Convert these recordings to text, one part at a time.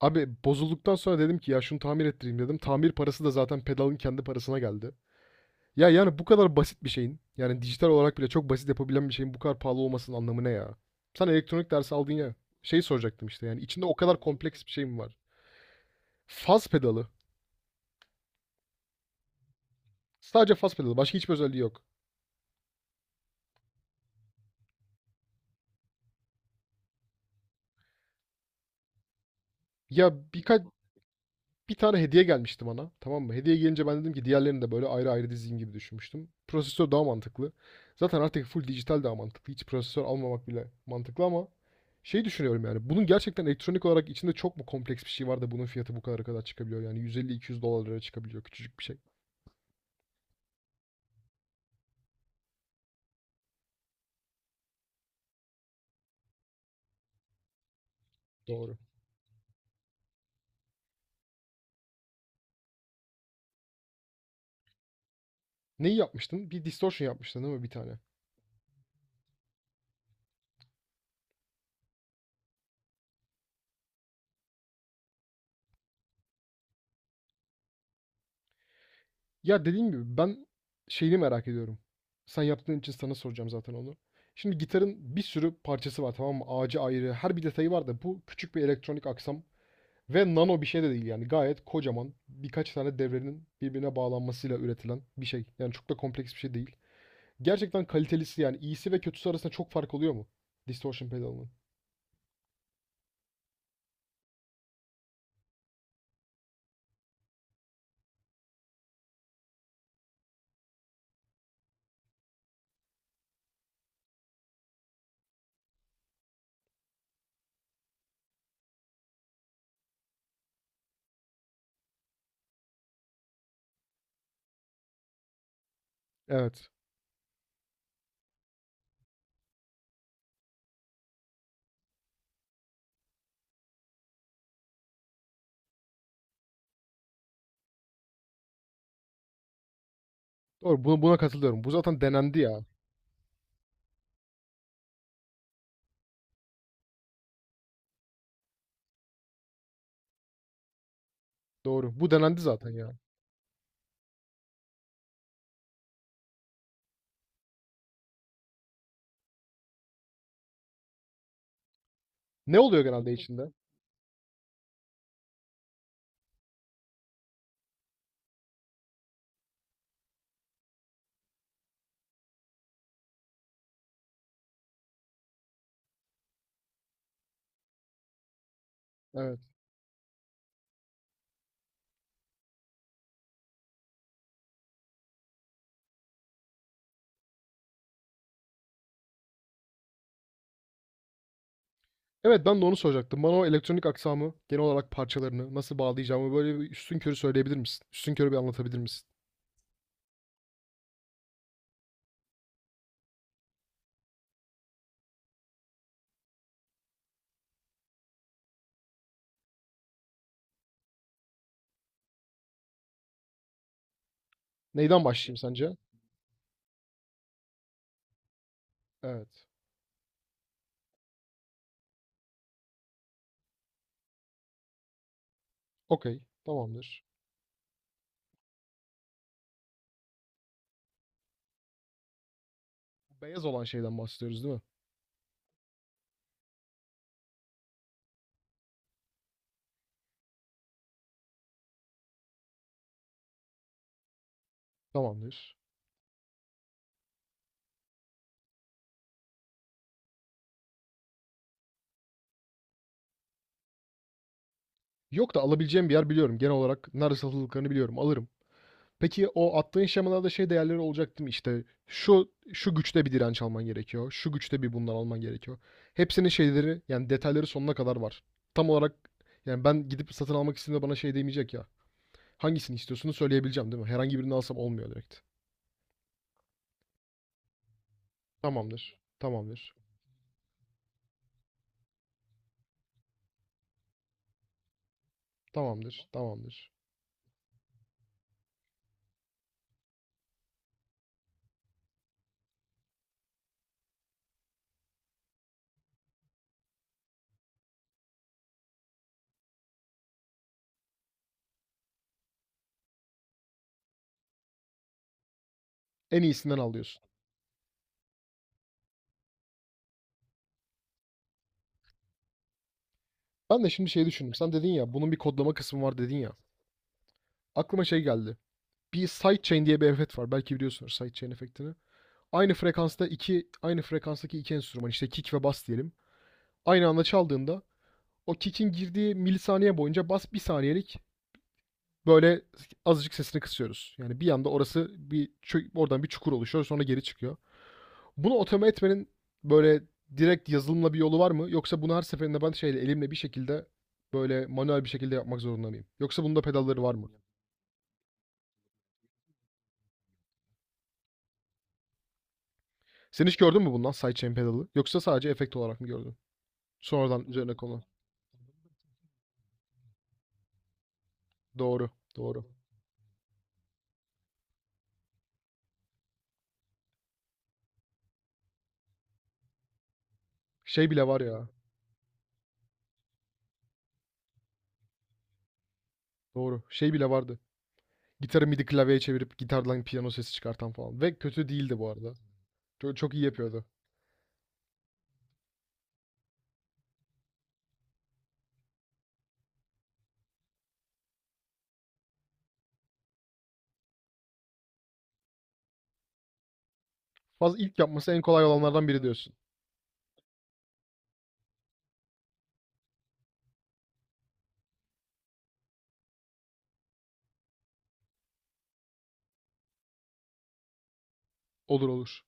Abi bozulduktan sonra dedim ki ya şunu tamir ettireyim dedim. Tamir parası da zaten pedalın kendi parasına geldi. Ya yani bu kadar basit bir şeyin yani dijital olarak bile çok basit yapabilen bir şeyin bu kadar pahalı olmasının anlamı ne ya? Sen elektronik dersi aldın ya. Şey soracaktım işte yani içinde o kadar kompleks bir şey mi var? Faz pedalı. Sadece faz pedalı. Başka hiçbir özelliği yok. Ya birkaç bir tane hediye gelmişti bana. Tamam mı? Hediye gelince ben dedim ki diğerlerini de böyle ayrı ayrı dizeyim gibi düşünmüştüm. Prosesör daha mantıklı. Zaten artık full dijital daha mantıklı. Hiç prosesör almamak bile mantıklı ama şey düşünüyorum yani. Bunun gerçekten elektronik olarak içinde çok mu kompleks bir şey var da bunun fiyatı bu kadar çıkabiliyor? Yani 150-200 dolarlara çıkabiliyor küçücük bir şey. Doğru. Neyi yapmıştın? Bir distortion yapmıştın değil mi bir tane? Ya dediğim gibi ben şeyini merak ediyorum. Sen yaptığın için sana soracağım zaten onu. Şimdi gitarın bir sürü parçası var, tamam mı? Ağacı ayrı, her bir detayı var da bu küçük bir elektronik aksam ve nano bir şey de değil yani gayet kocaman birkaç tane devrenin birbirine bağlanmasıyla üretilen bir şey. Yani çok da kompleks bir şey değil. Gerçekten kalitelisi yani iyisi ve kötüsü arasında çok fark oluyor mu? Distortion pedalının. Evet. Doğru. Buna, buna katılıyorum. Bu zaten denendi ya. Doğru. Bu denendi zaten ya. Ne oluyor genelde içinde? Evet. Evet, ben de onu soracaktım. Bana o elektronik aksamı, genel olarak parçalarını nasıl bağlayacağımı böyle bir üstünkörü söyleyebilir misin? Üstünkörü bir anlatabilir misin? Neyden başlayayım sence? Evet. Okey. Tamamdır. Beyaz olan şeyden bahsediyoruz değil mi? Tamamdır. Yok da alabileceğim bir yer biliyorum. Genel olarak nerede satıldıklarını biliyorum. Alırım. Peki o attığın şemalarda şey değerleri olacak değil mi? İşte şu şu güçte bir direnç alman gerekiyor. Şu güçte bir bundan alman gerekiyor. Hepsinin şeyleri yani detayları sonuna kadar var. Tam olarak yani ben gidip satın almak istediğimde bana şey demeyecek ya. Hangisini istiyorsunuz söyleyebileceğim değil mi? Herhangi birini alsam olmuyor direkt. Tamamdır. Tamamdır. Tamamdır. Tamamdır. En iyisinden al diyorsun. Ben de şimdi şey düşündüm. Sen dedin ya bunun bir kodlama kısmı var dedin ya. Aklıma şey geldi. Bir sidechain diye bir efekt var. Belki biliyorsunuz sidechain efektini. Aynı frekanstaki iki enstrüman işte kick ve bass diyelim. Aynı anda çaldığında o kick'in girdiği milisaniye boyunca bas bir saniyelik böyle azıcık sesini kısıyoruz. Yani bir anda orası bir oradan bir çukur oluşuyor sonra geri çıkıyor. Bunu otomatik etmenin böyle direkt yazılımla bir yolu var mı? Yoksa bunu her seferinde ben şeyle elimle bir şekilde böyle manuel bir şekilde yapmak zorunda mıyım? Yoksa bunda pedalları var mı? Sen hiç gördün mü bundan sidechain pedalı? Yoksa sadece efekt olarak mı gördün? Sonradan üzerine konu. Doğru, doğru. Şey bile var ya. Doğru. Şey bile vardı. Gitarı midi klavyeye çevirip gitardan piyano sesi çıkartan falan. Ve kötü değildi bu arada. Çok, çok iyi yapıyordu. Fazla ilk yapması en kolay olanlardan biri diyorsun. Olur, olur.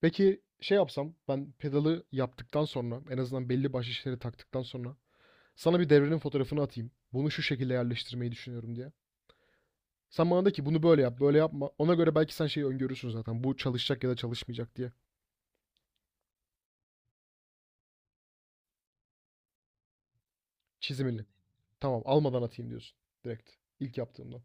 Peki şey yapsam ben pedalı yaptıktan sonra en azından belli başlı şeyleri taktıktan sonra sana bir devrenin fotoğrafını atayım. Bunu şu şekilde yerleştirmeyi düşünüyorum diye. Sen bana de ki bunu böyle yap, böyle yapma. Ona göre belki sen şeyi öngörürsün zaten. Bu çalışacak ya da çalışmayacak diye. Çizimini. Tamam, almadan atayım diyorsun direkt. İlk yaptığımda.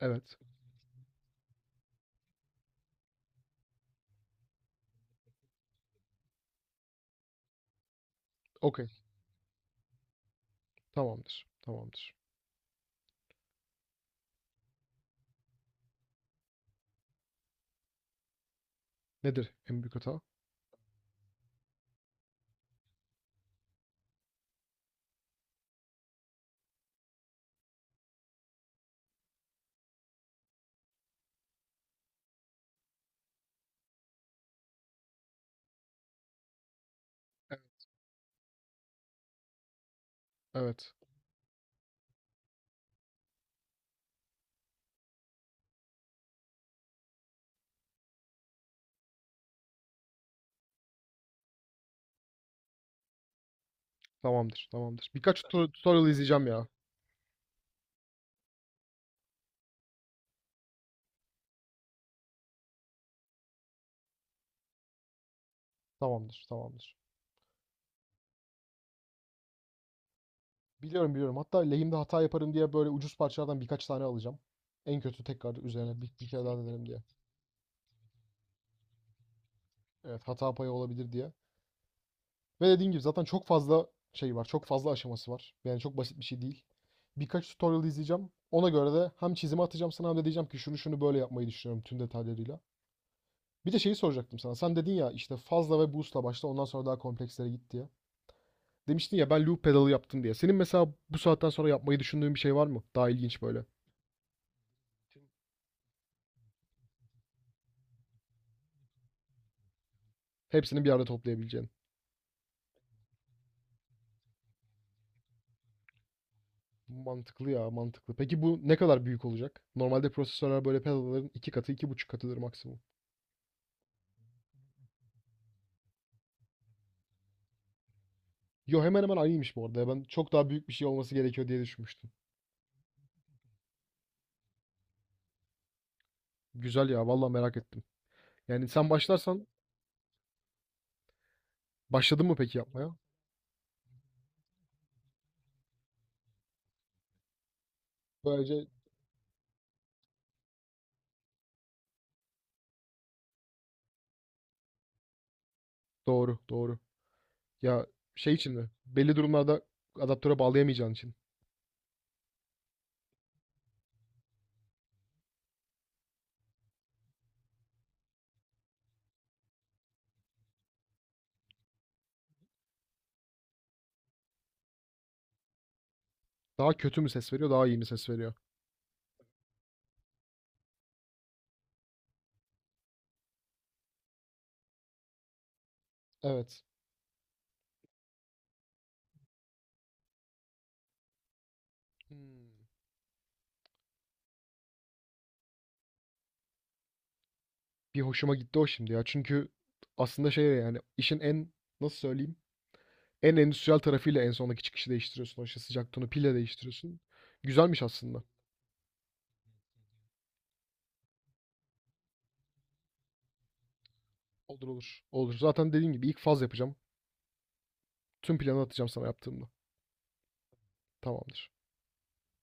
Evet. Okey. Tamamdır. Tamamdır. Nedir en büyük hata? Evet. Evet. Tamamdır, tamamdır. Birkaç tutorial izleyeceğim ya. Tamamdır, tamamdır. Biliyorum, biliyorum. Hatta lehimde hata yaparım diye böyle ucuz parçalardan birkaç tane alacağım. En kötü tekrar üzerine bir kere daha denerim diye. Evet, hata payı olabilir diye. Ve dediğim gibi zaten çok fazla şey var. Çok fazla aşaması var. Yani çok basit bir şey değil. Birkaç tutorial izleyeceğim. Ona göre de hem çizimi atacağım sana hem de diyeceğim ki şunu şunu böyle yapmayı düşünüyorum tüm detaylarıyla. Bir de şeyi soracaktım sana. Sen dedin ya işte fazla ve boost'la başla ondan sonra daha komplekslere git diye. Demiştin ya ben loop pedalı yaptım diye. Senin mesela bu saatten sonra yapmayı düşündüğün bir şey var mı? Daha ilginç böyle. Hepsini bir arada toplayabileceğin. Mantıklı ya mantıklı. Peki bu ne kadar büyük olacak? Normalde prosesörler böyle pedalların 2 katı, 2,5 katıdır maksimum. Yo hemen hemen aynıymış bu arada, ya. Ben çok daha büyük bir şey olması gerekiyor diye düşünmüştüm. Güzel ya vallahi merak ettim. Yani sen başlarsan başladın mı peki yapmaya? Böylece doğru, doğru. Ya şey için mi? Belli durumlarda adaptöre bağlayamayacağın için. Daha kötü mü ses veriyor, daha iyi mi ses veriyor? Evet. Hmm. Bir hoşuma gitti o şimdi ya. Çünkü aslında şey yani işin en nasıl söyleyeyim? En endüstriyel tarafıyla en sondaki çıkışı değiştiriyorsun. O işte sıcak tonu pille değiştiriyorsun. Güzelmiş aslında. Olur, olur. Olur. Zaten dediğim gibi ilk faz yapacağım. Tüm planı atacağım sana yaptığımda. Tamamdır.